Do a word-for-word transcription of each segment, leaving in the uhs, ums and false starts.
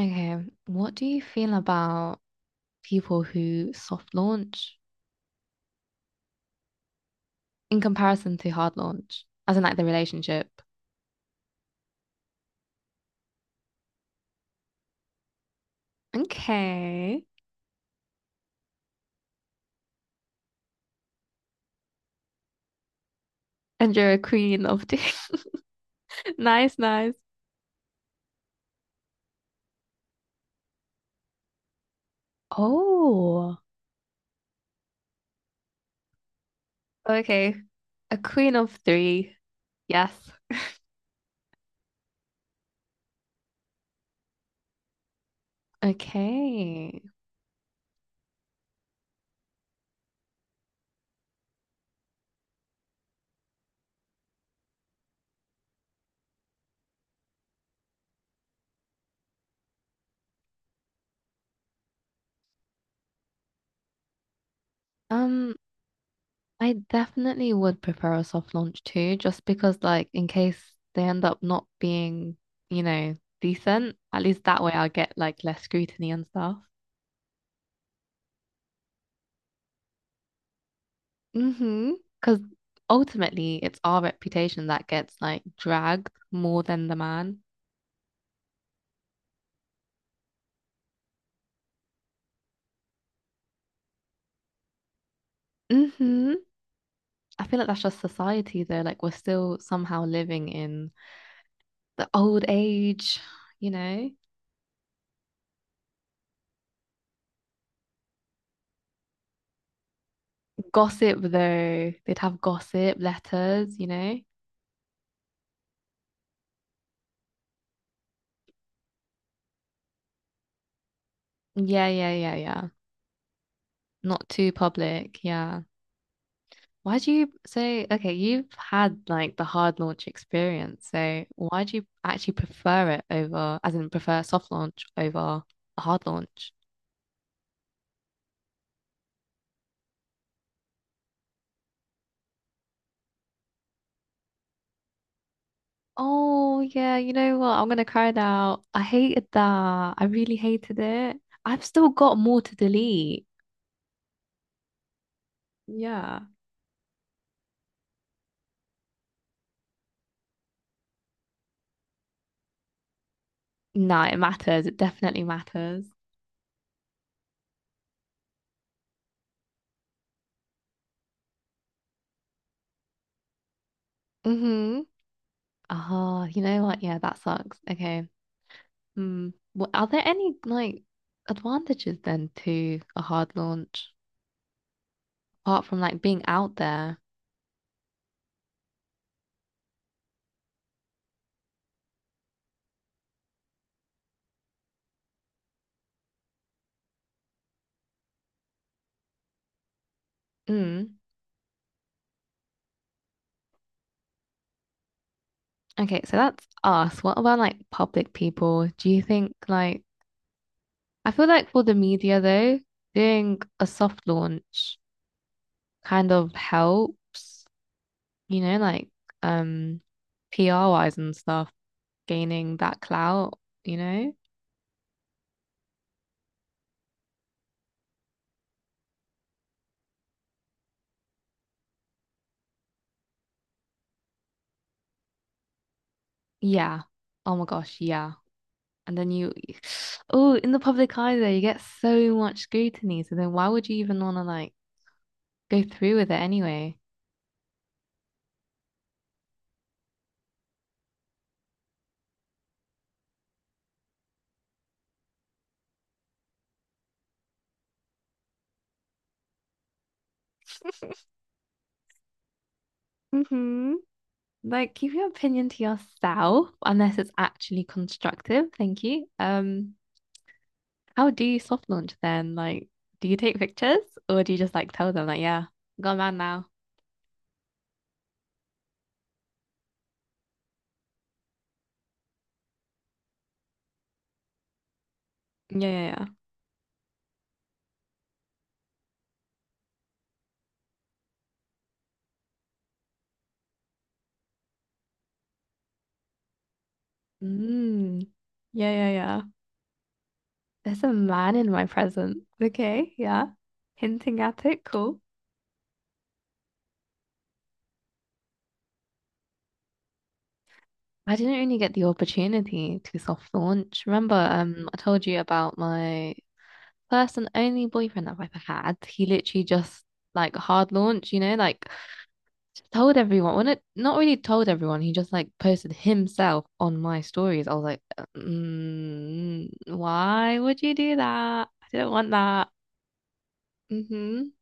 Okay, what do you feel about people who soft launch in comparison to hard launch, as in like the relationship? Okay. And you're a queen of two. Nice, nice. Oh, okay. A queen of three. Yes. Okay. Um, I definitely would prefer a soft launch too, just because like in case they end up not being, you know, decent, at least that way I'll get like less scrutiny and stuff. Mm-hmm. Because ultimately, it's our reputation that gets like dragged more than the man. Mm-hmm. I feel like that's just society, though. Like, we're still somehow living in the old age, you know? Gossip, though. They'd have gossip letters, you know? Yeah, yeah, yeah, yeah. Not too public. Yeah. Why do you so okay, you've had like the hard launch experience, so why do you actually prefer it, over, as in prefer soft launch over a hard launch? Oh yeah, you know what? I'm gonna cry now. I hated that. I really hated it. I've still got more to delete. Yeah. No, it matters. It definitely matters. Mm-hmm. Oh, you know what? Yeah, that sucks. Okay. Hmm. What, are there any like advantages then to a hard launch? Apart from like being out there. Mm. Okay, so that's us. What about like public people? Do you think like I feel like for the media though, doing a soft launch kind of helps, you know, like um P R wise and stuff, gaining that clout, you know? Yeah. Oh my gosh, yeah. And then you, oh, in the public eye though, you get so much scrutiny. So then why would you even want to like go through with it anyway? Mm-hmm. Like, keep your opinion to yourself unless it's actually constructive. Thank you. Um, how do you soft launch then? Like, do you take pictures or do you just like tell them like, yeah, got a man now? Yeah, yeah, yeah. Mm. Yeah, yeah, yeah. There's a man in my present. Okay, yeah. Hinting at it, cool. I didn't really get the opportunity to soft launch. Remember, um, I told you about my first and only boyfriend I've ever had. He literally just like hard launch, you know, like told everyone. Well, not, not really told everyone. He just like posted himself on my stories. I was like, mm, why would you do that? I didn't want that. Hmm.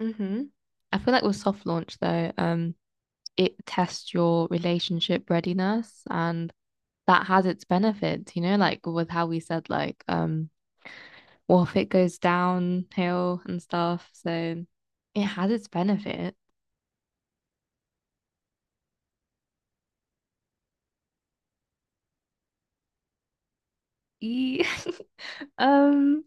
Hmm. I feel like with soft launch though, um, it tests your relationship readiness and that has its benefits, you know, like with how we said like, um, well, if it goes downhill and stuff, so it has its benefit. Um,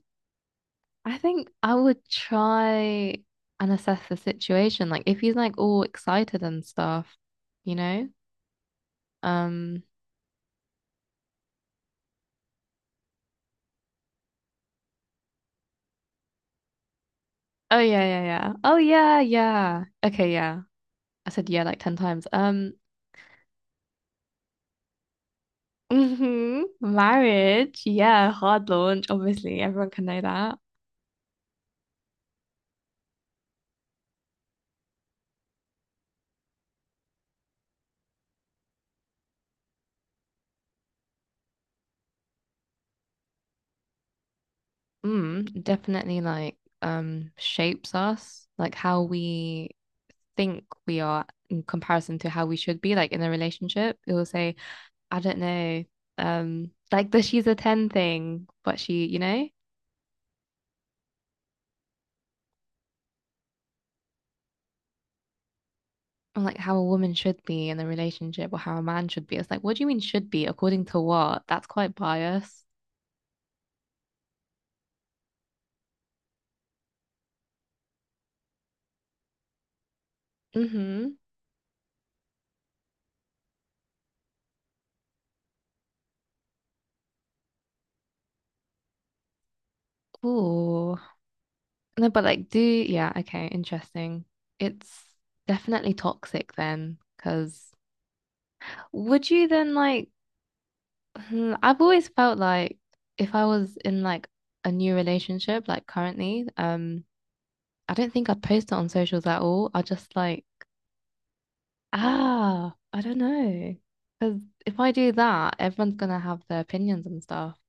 I think I would try and assess the situation. Like if he's like all excited and stuff, you know? Um, oh yeah, yeah, yeah. Oh yeah, yeah. Okay, yeah. I said yeah like ten times. Um, hmm Marriage. Yeah, hard launch, obviously. Everyone can know that. Mm, definitely like um shapes us, like how we think we are in comparison to how we should be like in a relationship. It will say I don't know, um, like the she's a ten thing, but she, you know, or like how a woman should be in a relationship or how a man should be. It's like, what do you mean should be? According to what? That's quite biased. Mm-hmm. Ooh. No, but like, do, yeah, okay, interesting. It's definitely toxic then, because would you then like, hmm, I've always felt like if I was in like a new relationship, like currently, um, I don't think I'd post it on socials at all. I just like, ah, I don't know. Because if I do that, everyone's gonna have their opinions and stuff.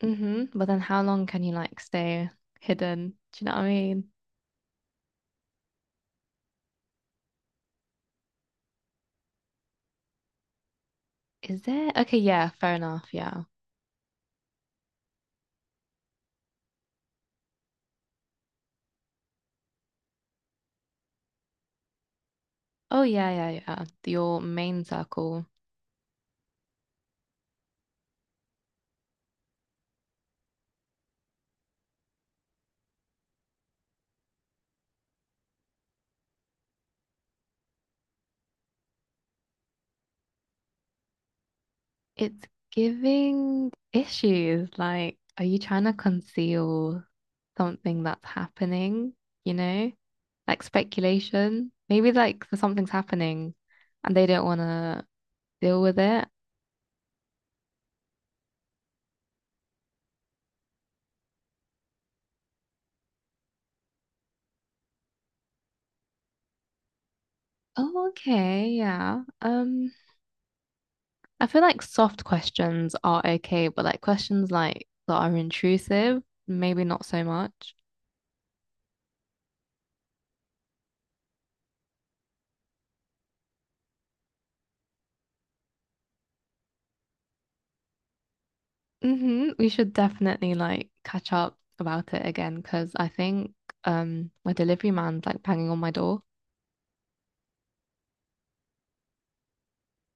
Hmm. But then how long can you like stay hidden? Do you know what I mean? Is there? Okay, yeah, fair enough. Yeah. Oh, yeah, yeah, yeah. Your main circle. It's giving issues. Like, are you trying to conceal something that's happening? You know, like speculation. Maybe like something's happening and they don't want to deal with it. Oh, okay, yeah. Um, I feel like soft questions are okay, but like questions like that are intrusive, maybe not so much. Mm-hmm. We should definitely like catch up about it again because I think um my delivery man's like banging on my door.